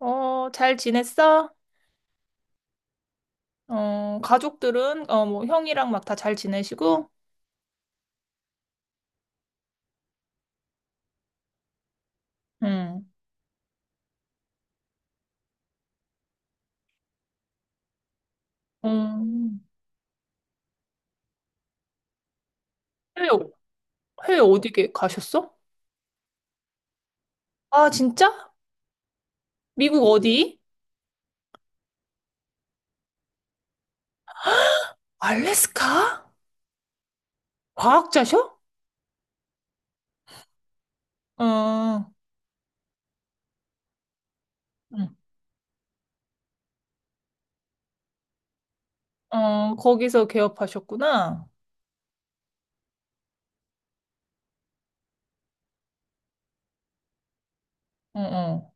어, 잘 지냈어? 어, 가족들은, 어, 뭐, 형이랑 막 다 잘 지내시고, 응. 음, 해외, 해외 어디 가셨어? 아, 진짜? 미국 어디? 알래스카? 과학자셔? 어, 응. 어, 거기서 개업하셨구나. 어, 어.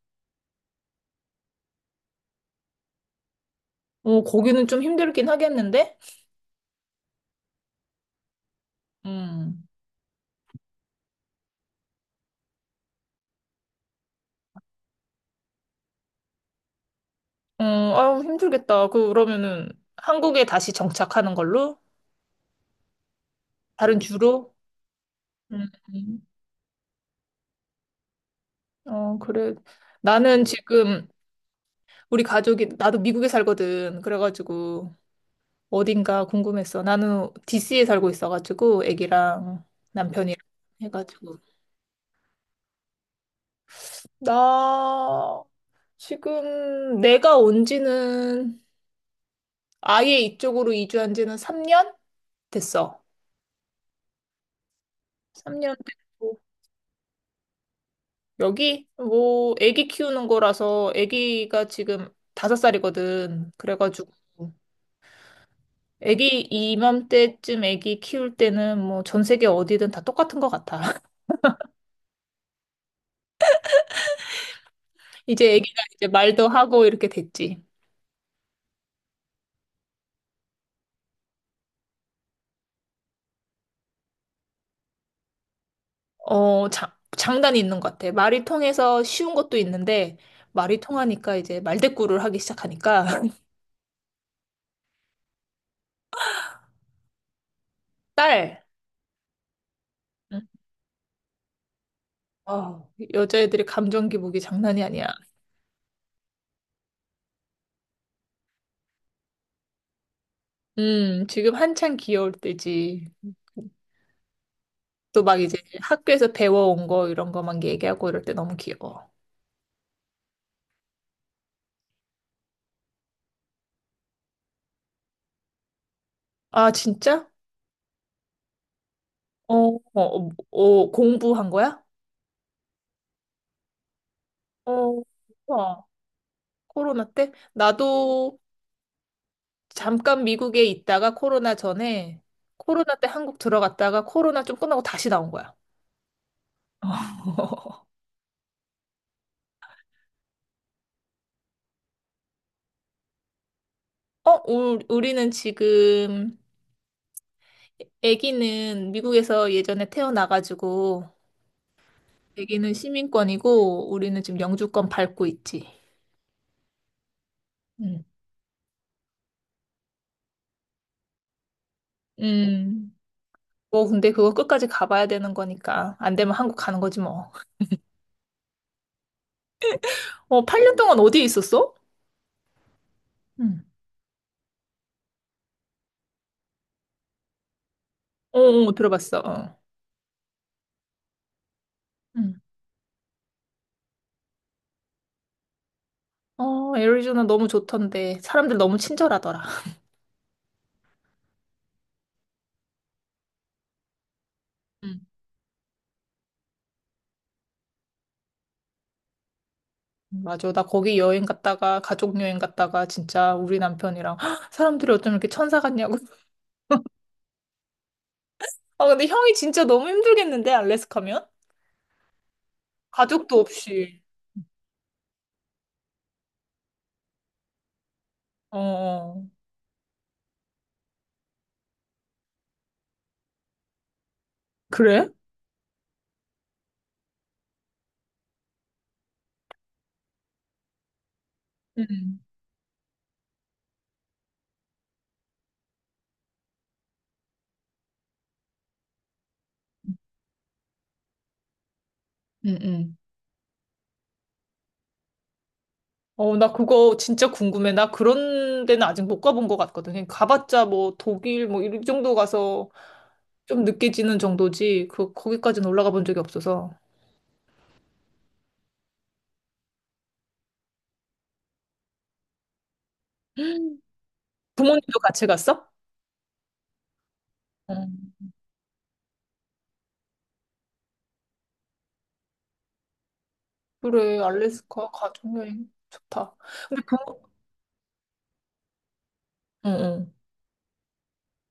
어, 거기는 좀 힘들긴 하겠는데? 음, 어, 아유, 힘들겠다. 그, 그러면은, 한국에 다시 정착하는 걸로? 다른 주로? 음. 어, 그래. 나는 지금 우리 가족이, 나도 미국에 살거든. 그래가지고 어딘가 궁금했어. 나는 DC에 살고 있어가지고 애기랑 남편이랑 해가지고. 나 지금 내가 온 지는 아예 이쪽으로 이주한 지는 3년 됐어. 3년 됐고. 여기 뭐 애기 키우는 거라서 애기가 지금 5살이거든. 그래가지고. 애기 이맘때쯤 애기 키울 때는 뭐 전 세계 어디든 다 똑같은 것 같아. 이제 애기가 이제 말도 하고 이렇게 됐지. 어, 자, 장단이 있는 것 같아. 말이 통해서 쉬운 것도 있는데 말이 통하니까 이제 말대꾸를 하기 시작하니까 딸. 응. 어, 여자애들의 감정 기복이 장난이 아니야. 지금 한창 귀여울 때지. 또 막 이제 학교에서 배워온 거 이런 거만 얘기하고 이럴 때 너무 귀여워. 아, 진짜? 어, 어, 어, 어, 공부한 거야? 어, 와, 코로나 때? 나도 잠깐 미국에 있다가 코로나 전에 코로나 때 한국 들어갔다가 코로나 좀 끝나고 다시 나온 거야. 어, 우리는 지금 아기는 미국에서 예전에 태어나가지고 아기는 시민권이고 우리는 지금 영주권 밟고 있지. 음. 음. 뭐 근데 그거 끝까지 가봐야 되는 거니까 안 되면 한국 가는 거지 뭐. 어, 8년 동안 어디에 있었어? 응. 어, 어, 들어봤어. 어. 어, 애리조나 너무 좋던데. 사람들 너무 친절하더라. 음. 맞아. 나 거기 여행 갔다가, 가족 여행 갔다가, 진짜 우리 남편이랑, "헉, 사람들이 어쩜 이렇게 천사 같냐고. 아, 근데 형이 진짜 너무 힘들겠는데, 알래스카면? 가족도 없이. 어, 어. 그래? 응 응, 응. 어, 나 그거 진짜 궁금해. 나 그런 데는 아직 못 가본 것 같거든. 그냥 가봤자 뭐 독일 뭐 이 정도 가서 좀 늦게 지는 정도지. 그, 거기까지는 올라가 본 적이 없어서. 음. 부모님도 같이 갔어? 어. 그래, 알래스카 가족여행 좋다. 근데 부모, 어, 어.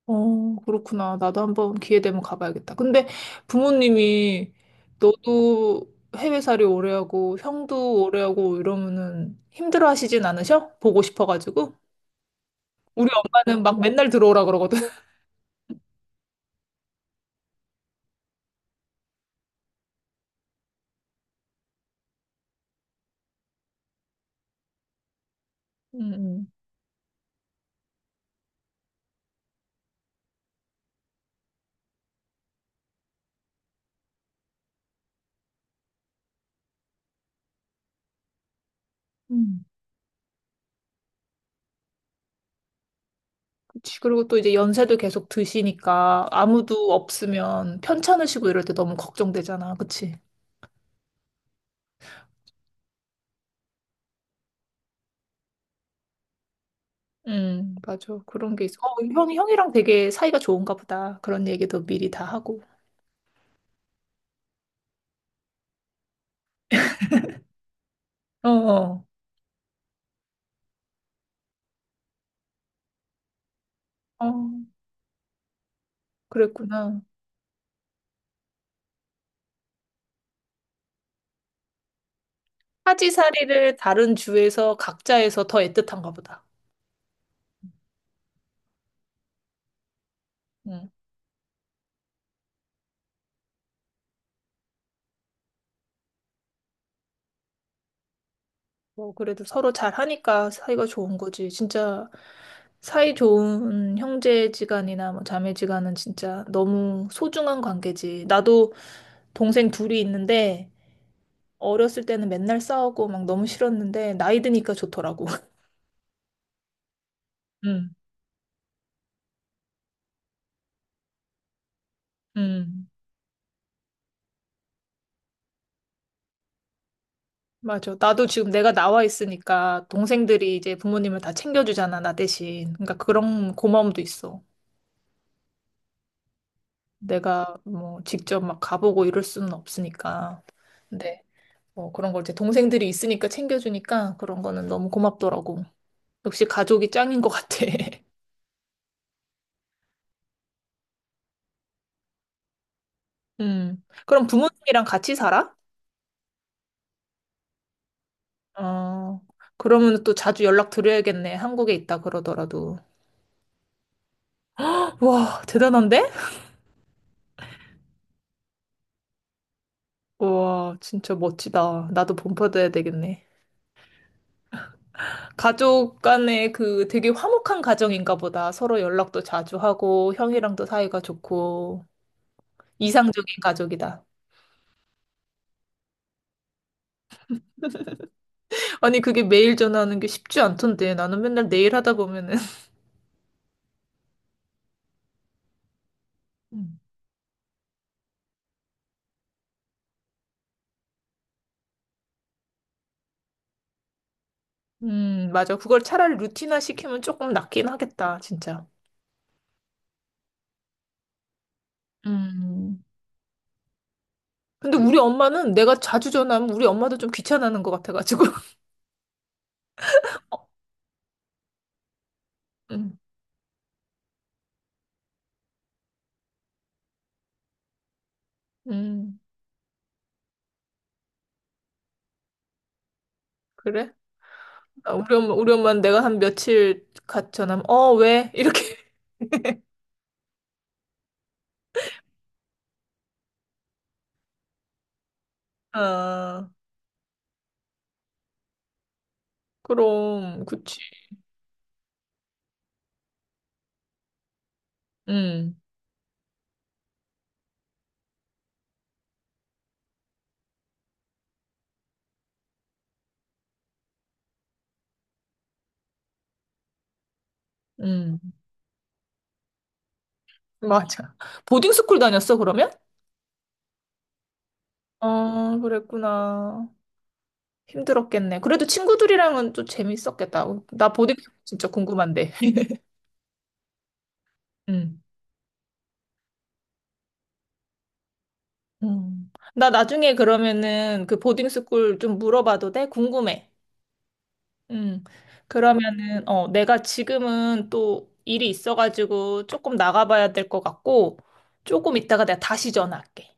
어, 그렇구나. 나도 한번 기회 되면 가봐야겠다. 근데 부모님이 너도 해외살이 오래 하고, 형도 오래 하고 이러면은 힘들어 하시진 않으셔? 보고 싶어가지고. 우리 엄마는 막 맨날 들어오라 그러거든. 응, 응, 음, 그치. 그리고 또 이제 연세도 계속 드시니까 아무도 없으면 편찮으시고 이럴 때 너무 걱정되잖아. 그치? 맞아. 그런 게 있어. 어, 형이랑 되게 사이가 좋은가 보다. 그런 얘기도 미리 다 하고. 어, 어, 어, 그랬구나. 사지사리를 다른 주에서 각자에서 더 애틋한가 보다. 음. 뭐, 그래도 서로 잘 하니까 사이가 좋은 거지. 진짜 사이 좋은 형제지간이나 뭐 자매지간은 진짜 너무 소중한 관계지. 나도 동생 둘이 있는데 어렸을 때는 맨날 싸우고 막 너무 싫었는데 나이 드니까 좋더라고. 음, 음. 맞아. 나도 지금 내가 나와 있으니까 동생들이 이제 부모님을 다 챙겨주잖아, 나 대신. 그러니까 그런 고마움도 있어. 내가 뭐 직접 막 가보고 이럴 수는 없으니까. 근데 뭐 그런 걸 이제 동생들이 있으니까 챙겨주니까 그런 거는 너무 고맙더라고. 역시 가족이 짱인 것 같아. 그럼 부모님이랑 같이 살아? 어. 그러면 또 자주 연락 드려야겠네. 한국에 있다 그러더라도. 와, 대단한데? 와, 진짜 멋지다. 나도 본받아야 되겠네. 가족 간에 그 되게 화목한 가정인가 보다. 서로 연락도 자주 하고, 형이랑도 사이가 좋고, 이상적인 가족이다. 아니, 그게 매일 전화하는 게 쉽지 않던데. 나는 맨날 내일 하다 보면은. 음, 맞아. 그걸 차라리 루틴화 시키면 조금 낫긴 하겠다, 진짜. 음. 근데 우리 엄마는 내가 자주 전화하면 우리 엄마도 좀 귀찮아하는 것 같아가지고. 어, 음, 음, 그래? 아, 우리 엄마는 내가 한 며칠 같이 전화하면, 어, 왜? 이렇게. 어. 그럼, 그치. 응, 응, 맞아. 보딩스쿨 다녔어, 그러면? 아, 그랬구나. 힘들었겠네. 그래도 친구들이랑은 또 재밌었겠다. 나 보딩스쿨 진짜 궁금한데. 응, 응. 나 나중에 그러면은 그 보딩스쿨 좀 물어봐도 돼? 궁금해. 응. 그러면은, 어, 내가 지금은 또 일이 있어가지고 조금 나가봐야 될 것 같고, 조금 이따가 내가 다시 전화할게.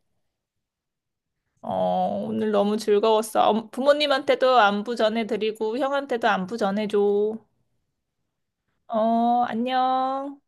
어, 오늘 너무 즐거웠어. 부모님한테도 안부 전해드리고, 형한테도 안부 전해줘. 어, 안녕.